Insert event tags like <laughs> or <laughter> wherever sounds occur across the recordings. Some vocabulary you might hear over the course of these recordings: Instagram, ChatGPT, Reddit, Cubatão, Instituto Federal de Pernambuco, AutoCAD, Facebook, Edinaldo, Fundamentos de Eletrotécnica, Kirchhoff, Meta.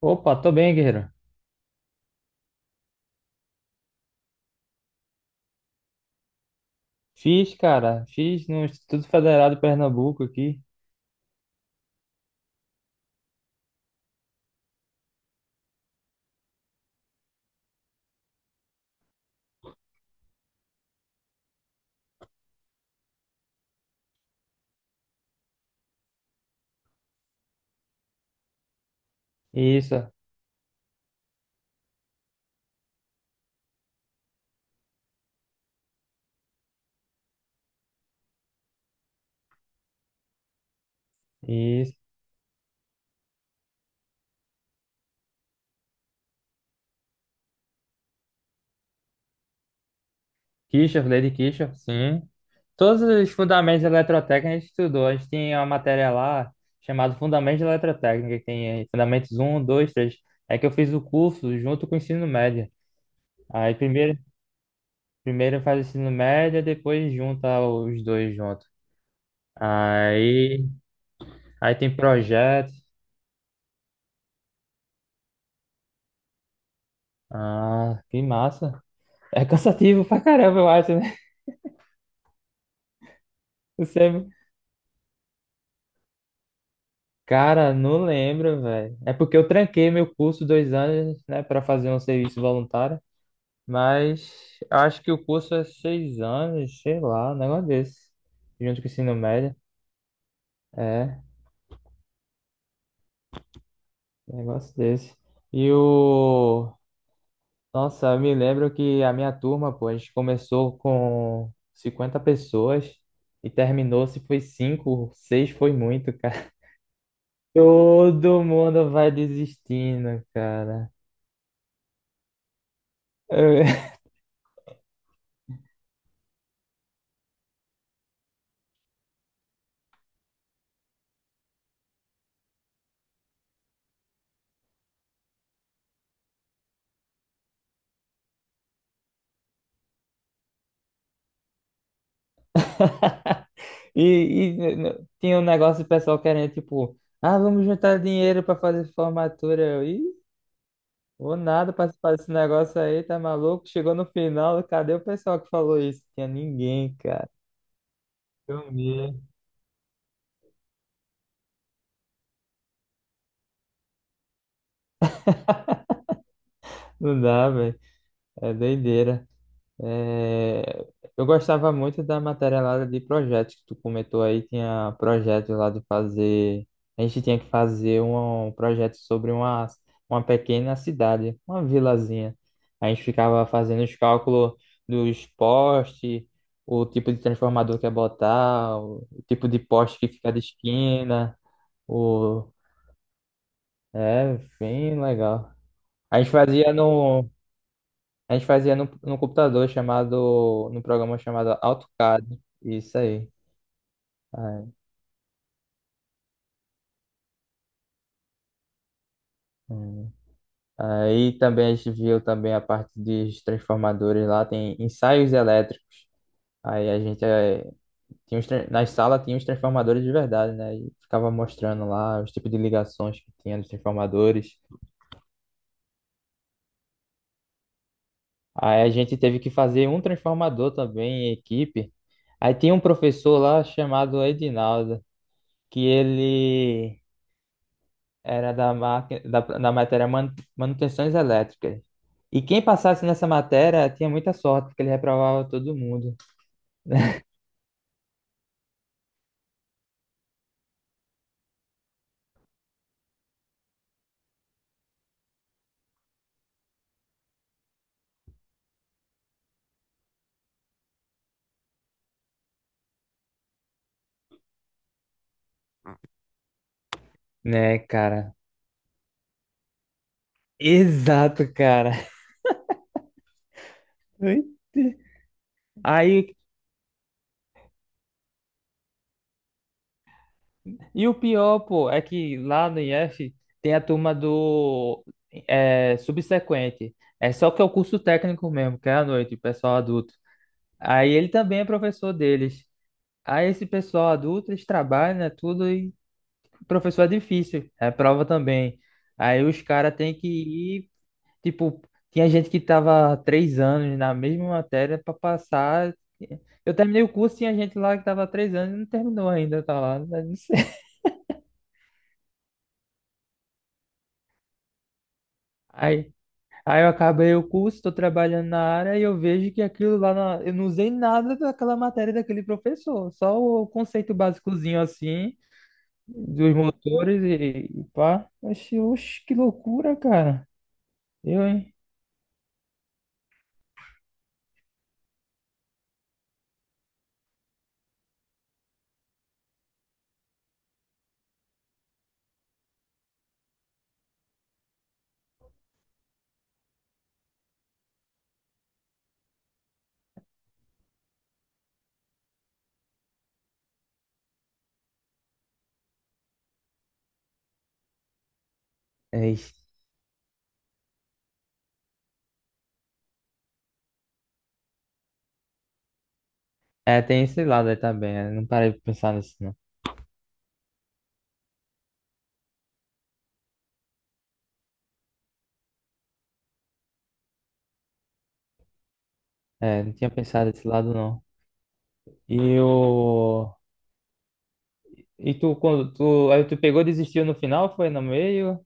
Opa, tô bem, guerreiro. Fiz, cara, fiz no Instituto Federal de Pernambuco aqui. Isso, isso. Kirchhoff, lei de Kirchhoff, sim. Todos os fundamentos de eletrotécnica a gente estudou. A gente tem uma matéria lá chamada Fundamentos de Eletrotécnica, que tem aí fundamentos um, 2, 3. É que eu fiz o curso junto com o ensino médio. Aí primeiro faz o ensino médio, depois junta os dois juntos. Aí, aí tem projeto. Ah, que massa. É cansativo pra caramba, eu acho. Você... Cara, não lembro, velho. É porque eu tranquei meu curso dois anos, né, para fazer um serviço voluntário. Mas eu acho que o curso é seis anos, sei lá, um negócio desse. Junto com o ensino médio. É, um negócio desse. E o. Nossa, eu me lembro que a minha turma, pô, a gente começou com 50 pessoas e terminou, se foi cinco, seis foi muito, cara. <laughs> Todo mundo vai desistindo, cara. Eu- <laughs> tinha um negócio de pessoal querendo, tipo, ah, vamos juntar dinheiro pra fazer formatura. Eu, Ih, vou nada participar desse negócio aí, tá maluco? Chegou no final, cadê o pessoal que falou isso? Tinha ninguém, cara. Eu vi. Não dá, velho. É doideira. É, eu gostava muito da matéria lá de projetos que tu comentou aí, tinha projetos lá de fazer, a gente tinha que fazer um projeto sobre uma pequena cidade, uma vilazinha. A gente ficava fazendo os cálculos dos postes, o tipo de transformador que ia botar, o tipo de poste que fica de esquina, o... É, bem legal. A gente fazia no a gente fazia no, no computador chamado, num programa chamado AutoCAD, isso aí. Aí, hum. Aí também a gente viu também a parte dos transformadores lá, tem ensaios elétricos. Aí a gente, tinha na sala tinha os transformadores de verdade, né? E ficava mostrando lá os tipos de ligações que tinha dos transformadores. Aí a gente teve que fazer um transformador também em equipe. Aí tinha um professor lá chamado Edinaldo, que ele era máquina, da matéria manutenções elétricas. E quem passasse nessa matéria tinha muita sorte, porque ele reprovava todo mundo. <laughs> Né, cara? Exato, cara. <laughs> Aí, e o pior, pô, é que lá no IF tem a turma do é, subsequente. É só que é o curso técnico mesmo, que é à noite, o pessoal adulto. Aí ele também é professor deles. Aí esse pessoal adulto, eles trabalham, né, tudo, e professor é difícil, é prova também. Aí os caras têm que ir, tipo, tinha gente que tava três anos na mesma matéria para passar. Eu terminei o curso, tinha gente lá que tava três anos e não terminou ainda, tá lá. Né, não sei. <laughs> Aí, aí eu acabei o curso, estou trabalhando na área e eu vejo que aquilo lá, eu não usei nada daquela matéria daquele professor, só o conceito básicozinho assim, dos motores e pá. Oxi, oxi, que loucura, cara. Eu, hein? É, É, tem esse lado aí também. Né? Não parei de pensar nisso, não. É, não tinha pensado nesse lado, não. E o... E tu, quando tu... Aí tu pegou e desistiu no final, foi no meio?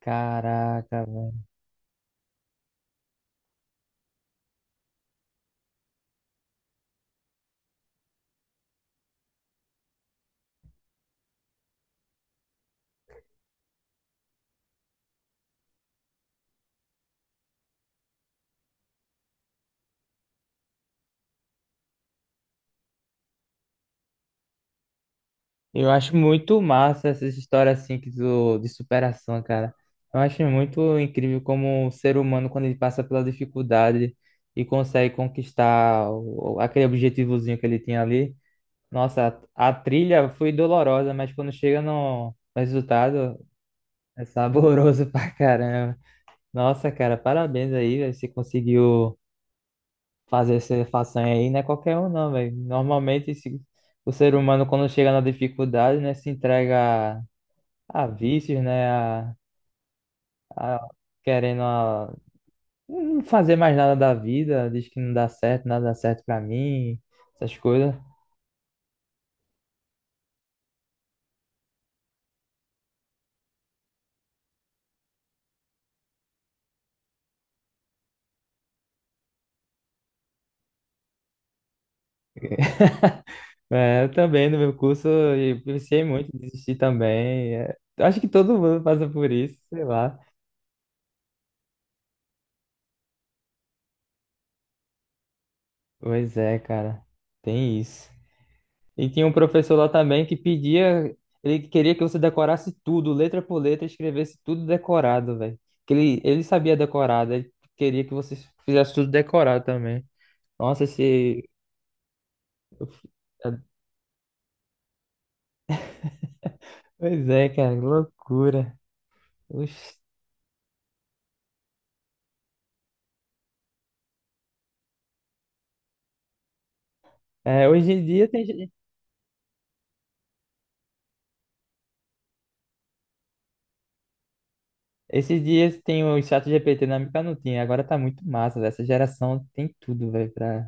Caraca, velho. Eu acho muito massa essas histórias, assim, que tu... de superação, cara. Eu acho muito incrível como o ser humano, quando ele passa pela dificuldade e consegue conquistar aquele objetivozinho que ele tinha ali. Nossa, a trilha foi dolorosa, mas quando chega no resultado... É saboroso <laughs> pra caramba. Nossa, cara, parabéns aí, velho. Você conseguiu fazer essa façanha aí. Não é qualquer um, não, velho. Normalmente, o ser humano, quando chega na dificuldade, né, se entrega a vícios, a- querendo não fazer mais nada da vida. Diz que não dá certo, nada dá certo pra mim, essas coisas. É, eu também, no meu curso, eu pensei muito em desistir também. É, eu acho que todo mundo passa por isso, sei lá. Pois é, cara. Tem isso. E tinha um professor lá também que pedia, ele queria que você decorasse tudo, letra por letra, escrevesse tudo decorado, velho. Que ele sabia decorar, daí ele queria que você fizesse tudo decorado também. Nossa, esse. Pois é, cara, que loucura. Oxi. É, hoje em dia tem. Esses dias tem o chat GPT, na época não tinha, agora tá muito massa, velho. Essa geração tem tudo, velho, pra.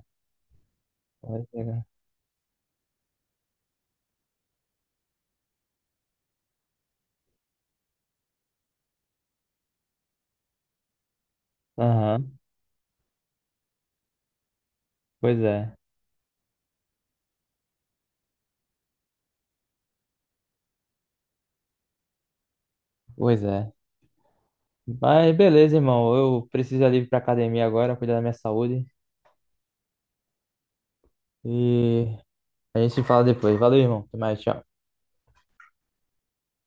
Pra pegar. Aham, Pois é, pois é. Mas beleza, irmão. Eu preciso ali ir ali pra academia agora, cuidar da minha saúde. E a gente se fala depois. Valeu, irmão. Até mais. Tchau.